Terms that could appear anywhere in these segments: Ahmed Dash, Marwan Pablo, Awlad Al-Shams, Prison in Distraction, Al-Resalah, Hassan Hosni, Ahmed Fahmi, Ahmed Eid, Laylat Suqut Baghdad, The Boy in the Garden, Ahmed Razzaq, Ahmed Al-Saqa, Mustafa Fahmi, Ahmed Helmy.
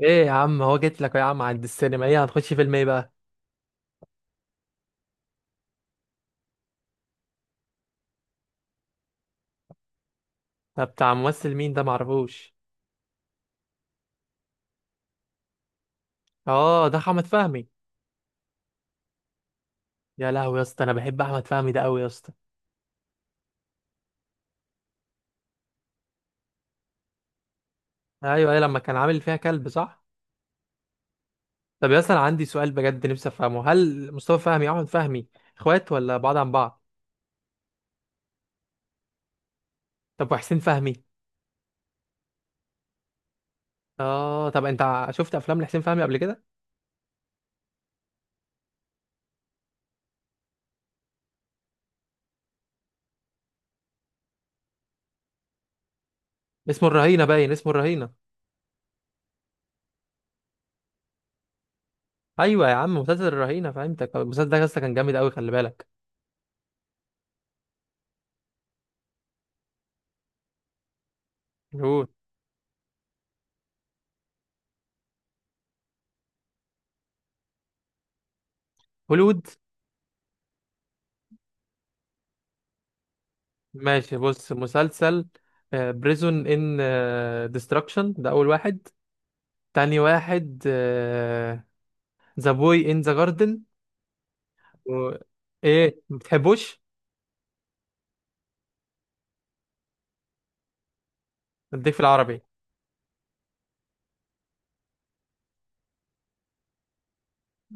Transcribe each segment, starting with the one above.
ايه يا عم، هو جيت لك يا عم عند السينما. ايه هنخش فيلم ايه بقى؟ ده بتاع ممثل مين؟ ده معرفوش. اه، ده احمد فهمي. يا لهوي يا اسطى، انا بحب احمد فهمي ده قوي يا اسطى. ايوه، ايه لما كان عامل فيها كلب، صح؟ طب يا اسطى، انا عندي سؤال بجد نفسي افهمه. هل مصطفى فهمي واحمد فهمي اخوات ولا بعاد عن بعض؟ طب وحسين فهمي؟ اه. طب انت شفت افلام لحسين فهمي قبل كده؟ اسمه الرهينه باين، اسمه الرهينه. ايوه يا عم، مسلسل الرهينه، فهمتك. المسلسل ده يا اسطى كان جامد قوي، خلي بالك. هوليوود. هوليوود. ماشي، بص، مسلسل بريزون ان ديستراكشن ده اول واحد. تاني واحد، ذا بوي ان ذا جاردن و... ايه، ما بتحبوش؟ اديك في العربي.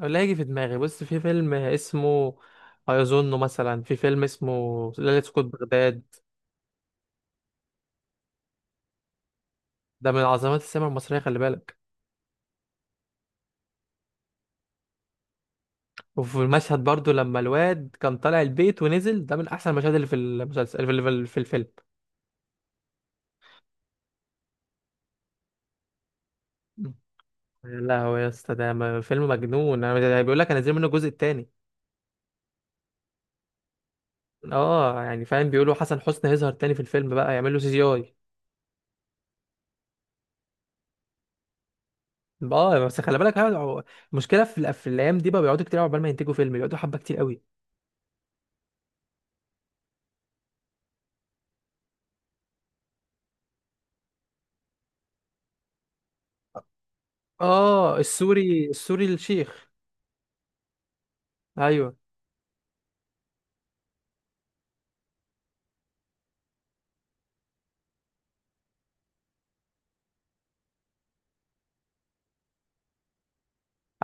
ولا هيجي في دماغي. بص، في فيلم اسمه، ايظنه مثلا، في فيلم اسمه ليلة سقوط بغداد. ده من عظمات السينما المصرية، خلي بالك. وفي المشهد برضو لما الواد كان طالع البيت ونزل، ده من احسن المشاهد اللي في المسلسل، اللي في الفيلم. يا لهوي يا اسطى، ده فيلم مجنون. انا ده بيقول لك هنزل منه الجزء التاني. اه يعني، فاهم، بيقولوا حسن حسني هيظهر تاني في الفيلم بقى، يعمل له سي جي اي. اه بس خلي بالك المشكله في في الايام دي بقى بيقعدوا كتير قوي عقبال ما ينتجوا فيلم، بيقعدوا حبه كتير قوي. اه، السوري، السوري الشيخ. ايوه،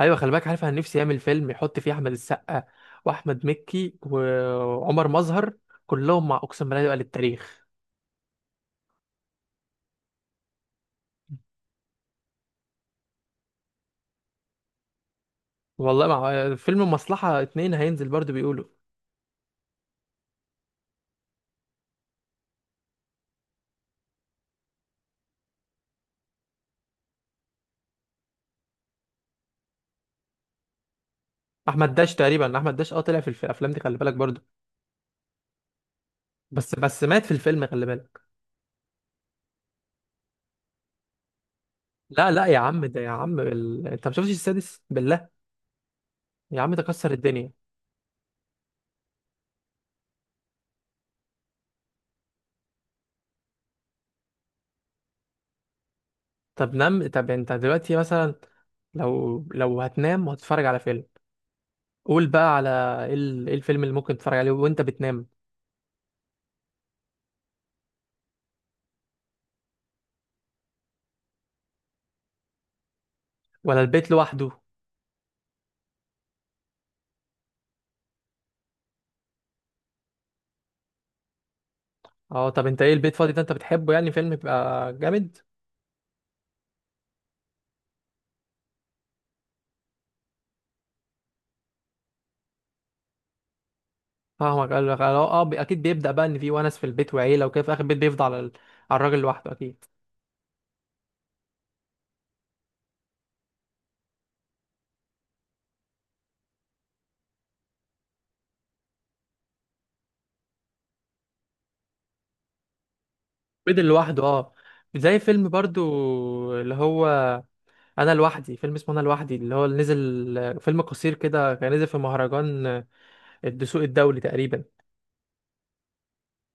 ايوه، خلي بالك، عارف، انا نفسي يعمل فيلم يحط فيه احمد السقا واحمد مكي وعمر مظهر كلهم، مع اقسم بالله يبقى للتاريخ. والله، مع فيلم مصلحه 2 هينزل برضو بيقولوا. احمد داش تقريبا، احمد داش، اه طلع في الافلام دي، خلي بالك برضو. بس مات في الفيلم، خلي بالك. لا لا يا عم، ده يا عم انت ما شفتش السادس بالله؟ يا عم ده كسر الدنيا. طب نام. طب انت دلوقتي مثلا، لو هتنام وهتتفرج على فيلم، قول بقى على ايه، إيه الفيلم اللي ممكن تتفرج عليه وانت بتنام؟ ولا البيت لوحده؟ اه. طب انت ايه، البيت فاضي ده انت بتحبه يعني، فيلم بيبقى جامد؟ فاهمك. قال لك اه، اكيد بيبدأ بقى ان في ونس في البيت وعيله وكده، في اخر البيت بيفضل على على الراجل لوحده، اكيد. بدل لوحده، اه. زي فيلم برضو، اللي هو انا لوحدي، فيلم اسمه انا لوحدي، اللي هو اللي نزل فيلم قصير كده، كان نزل في مهرجان الدسوق الدولي تقريبا.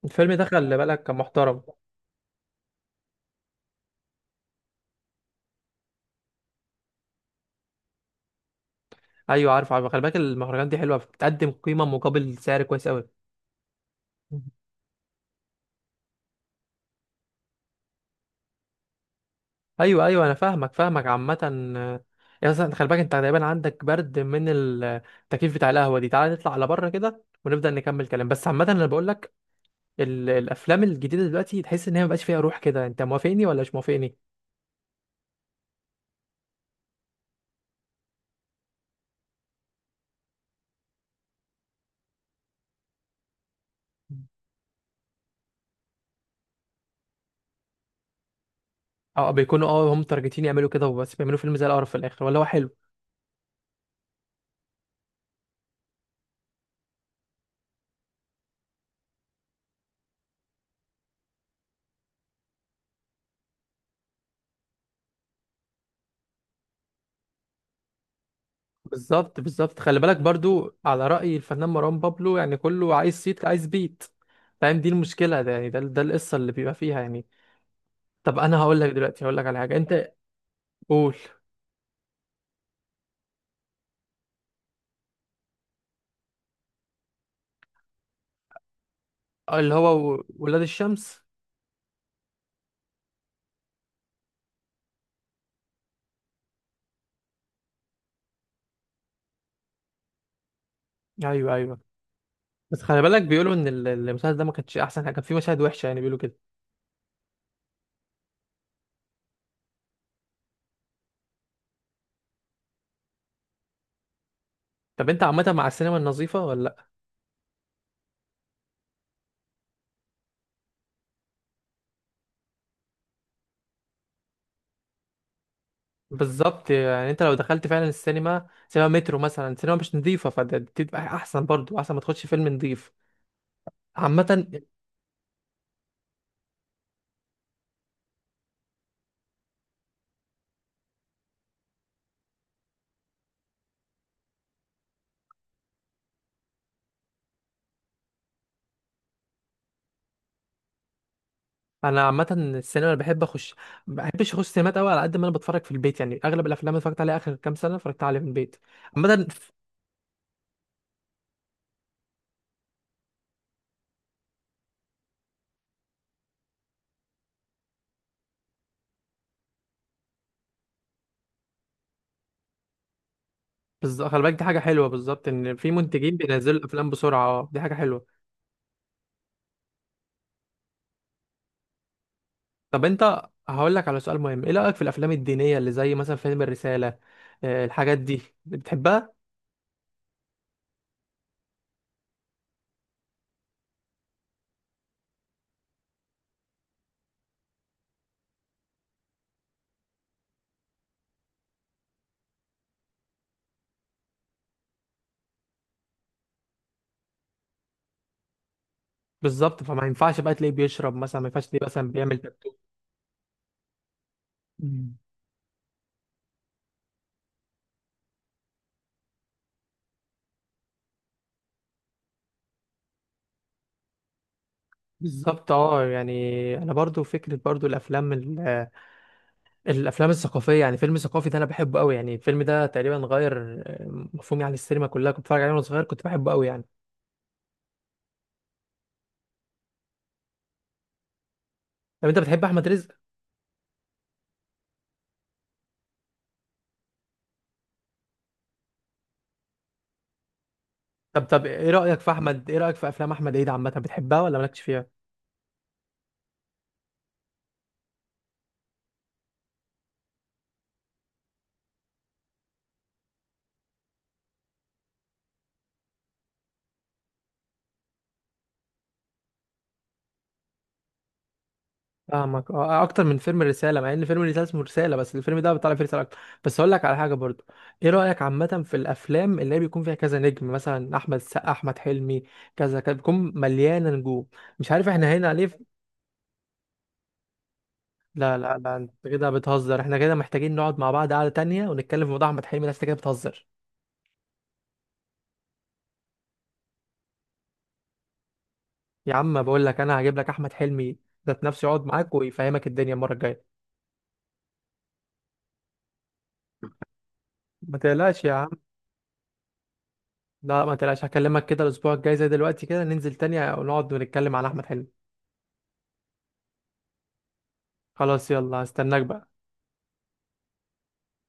الفيلم ده خلي بالك كان محترم. ايوه، عارف عارف، خلي بالك، المهرجان دي حلوه، بتقدم قيمه مقابل سعر كويس قوي. ايوه ايوه، انا فاهمك فاهمك، عامه. يا اصلا خلي بالك انت تقريبا عندك برد من التكييف بتاع القهوه دي، تعالى نطلع على بره كده ونبدا نكمل كلام. بس عامه انا بقول لك الافلام الجديده دلوقتي تحس ان هي مبقاش فيها روح كده، انت موافقني ولا مش موافقني؟ اه بيكونوا، اه هم متارجتين يعملوا كده وبس، بيعملوا فيلم زي القرف في الاخر ولا هو حلو. بالظبط، بالظبط، خلي بالك برضو على رأي الفنان مروان بابلو، يعني كله عايز صيت عايز بيت. فاهم، دي المشكلة. ده يعني، ده القصة اللي بيبقى فيها يعني. طب انا هقول لك دلوقتي، هقول لك على حاجة انت. قول. اللي هو ولاد الشمس. ايوه ايوه، بس خلي بالك بيقولوا ان المسلسل ده ما كانش احسن حاجة، كان فيه مشاهد وحشة يعني، بيقولوا كده. طب انت عامة مع السينما النظيفة ولا؟ بالظبط، يعني انت لو دخلت فعلا السينما، سينما مترو مثلا، سينما مش نظيفه، فتبقى احسن برضو، احسن ما تخش فيلم نظيف، عامه. انا عامه السينما اللي بحب اخش، ما بحبش اخش سينمات قوي، على قد ما انا بتفرج في البيت يعني، اغلب الافلام اللي اتفرجت عليها اخر كام سنه اتفرجت عليها في البيت، عامه. بالظبط، خلي بالك، دي حاجه حلوه بالظبط، ان في منتجين بينزلوا الافلام بسرعه، اه دي حاجه حلوه. طب انت، هقول لك على سؤال مهم، ايه رايك في الافلام الدينيه اللي زي مثلا فيلم الرساله، الحاجات دي بتحبها؟ بالظبط، فما ينفعش بقى تلاقيه بيشرب مثلا، ما ينفعش تلاقيه مثلا بيعمل ده. بالظبط. اه يعني، انا برضو فكره برضو الافلام الافلام الثقافيه، يعني فيلم ثقافي ده انا بحبه قوي يعني، الفيلم ده تقريبا غير مفهومي عن السينما كلها. كنت بتفرج عليه وانا صغير، كنت بحبه قوي يعني. طب انت بتحب احمد رزق؟ طب ايه رايك في احمد، ايه رايك في افلام احمد عيد عامه، بتحبها ولا مالكش فيها؟ فاهمك. اه، اكتر من فيلم الرساله، مع ان فيلم الرساله اسمه رساله، بس الفيلم ده بيطلع فيه رساله اكتر. بس اقول لك على حاجه برضو، ايه رايك عامه في الافلام اللي هي بيكون فيها كذا نجم، مثلا احمد السقا، احمد حلمي، كذا كذا، بيكون مليانه نجوم؟ مش عارف احنا هنا ليه لا لا لا، انت كده بتهزر، احنا كده محتاجين نقعد مع بعض قعده تانية ونتكلم في موضوع احمد حلمي ده، أنت كده بتهزر. يا عم بقول لك انا هجيب لك احمد حلمي ذات نفسه يقعد معاك ويفهمك الدنيا المره الجايه. ما تقلقش يا عم. لا، ما تقلقش، هكلمك كده الاسبوع الجاي زي دلوقتي كده، ننزل تاني ونقعد ونتكلم على احمد حلمي. خلاص، يلا، هستناك بقى.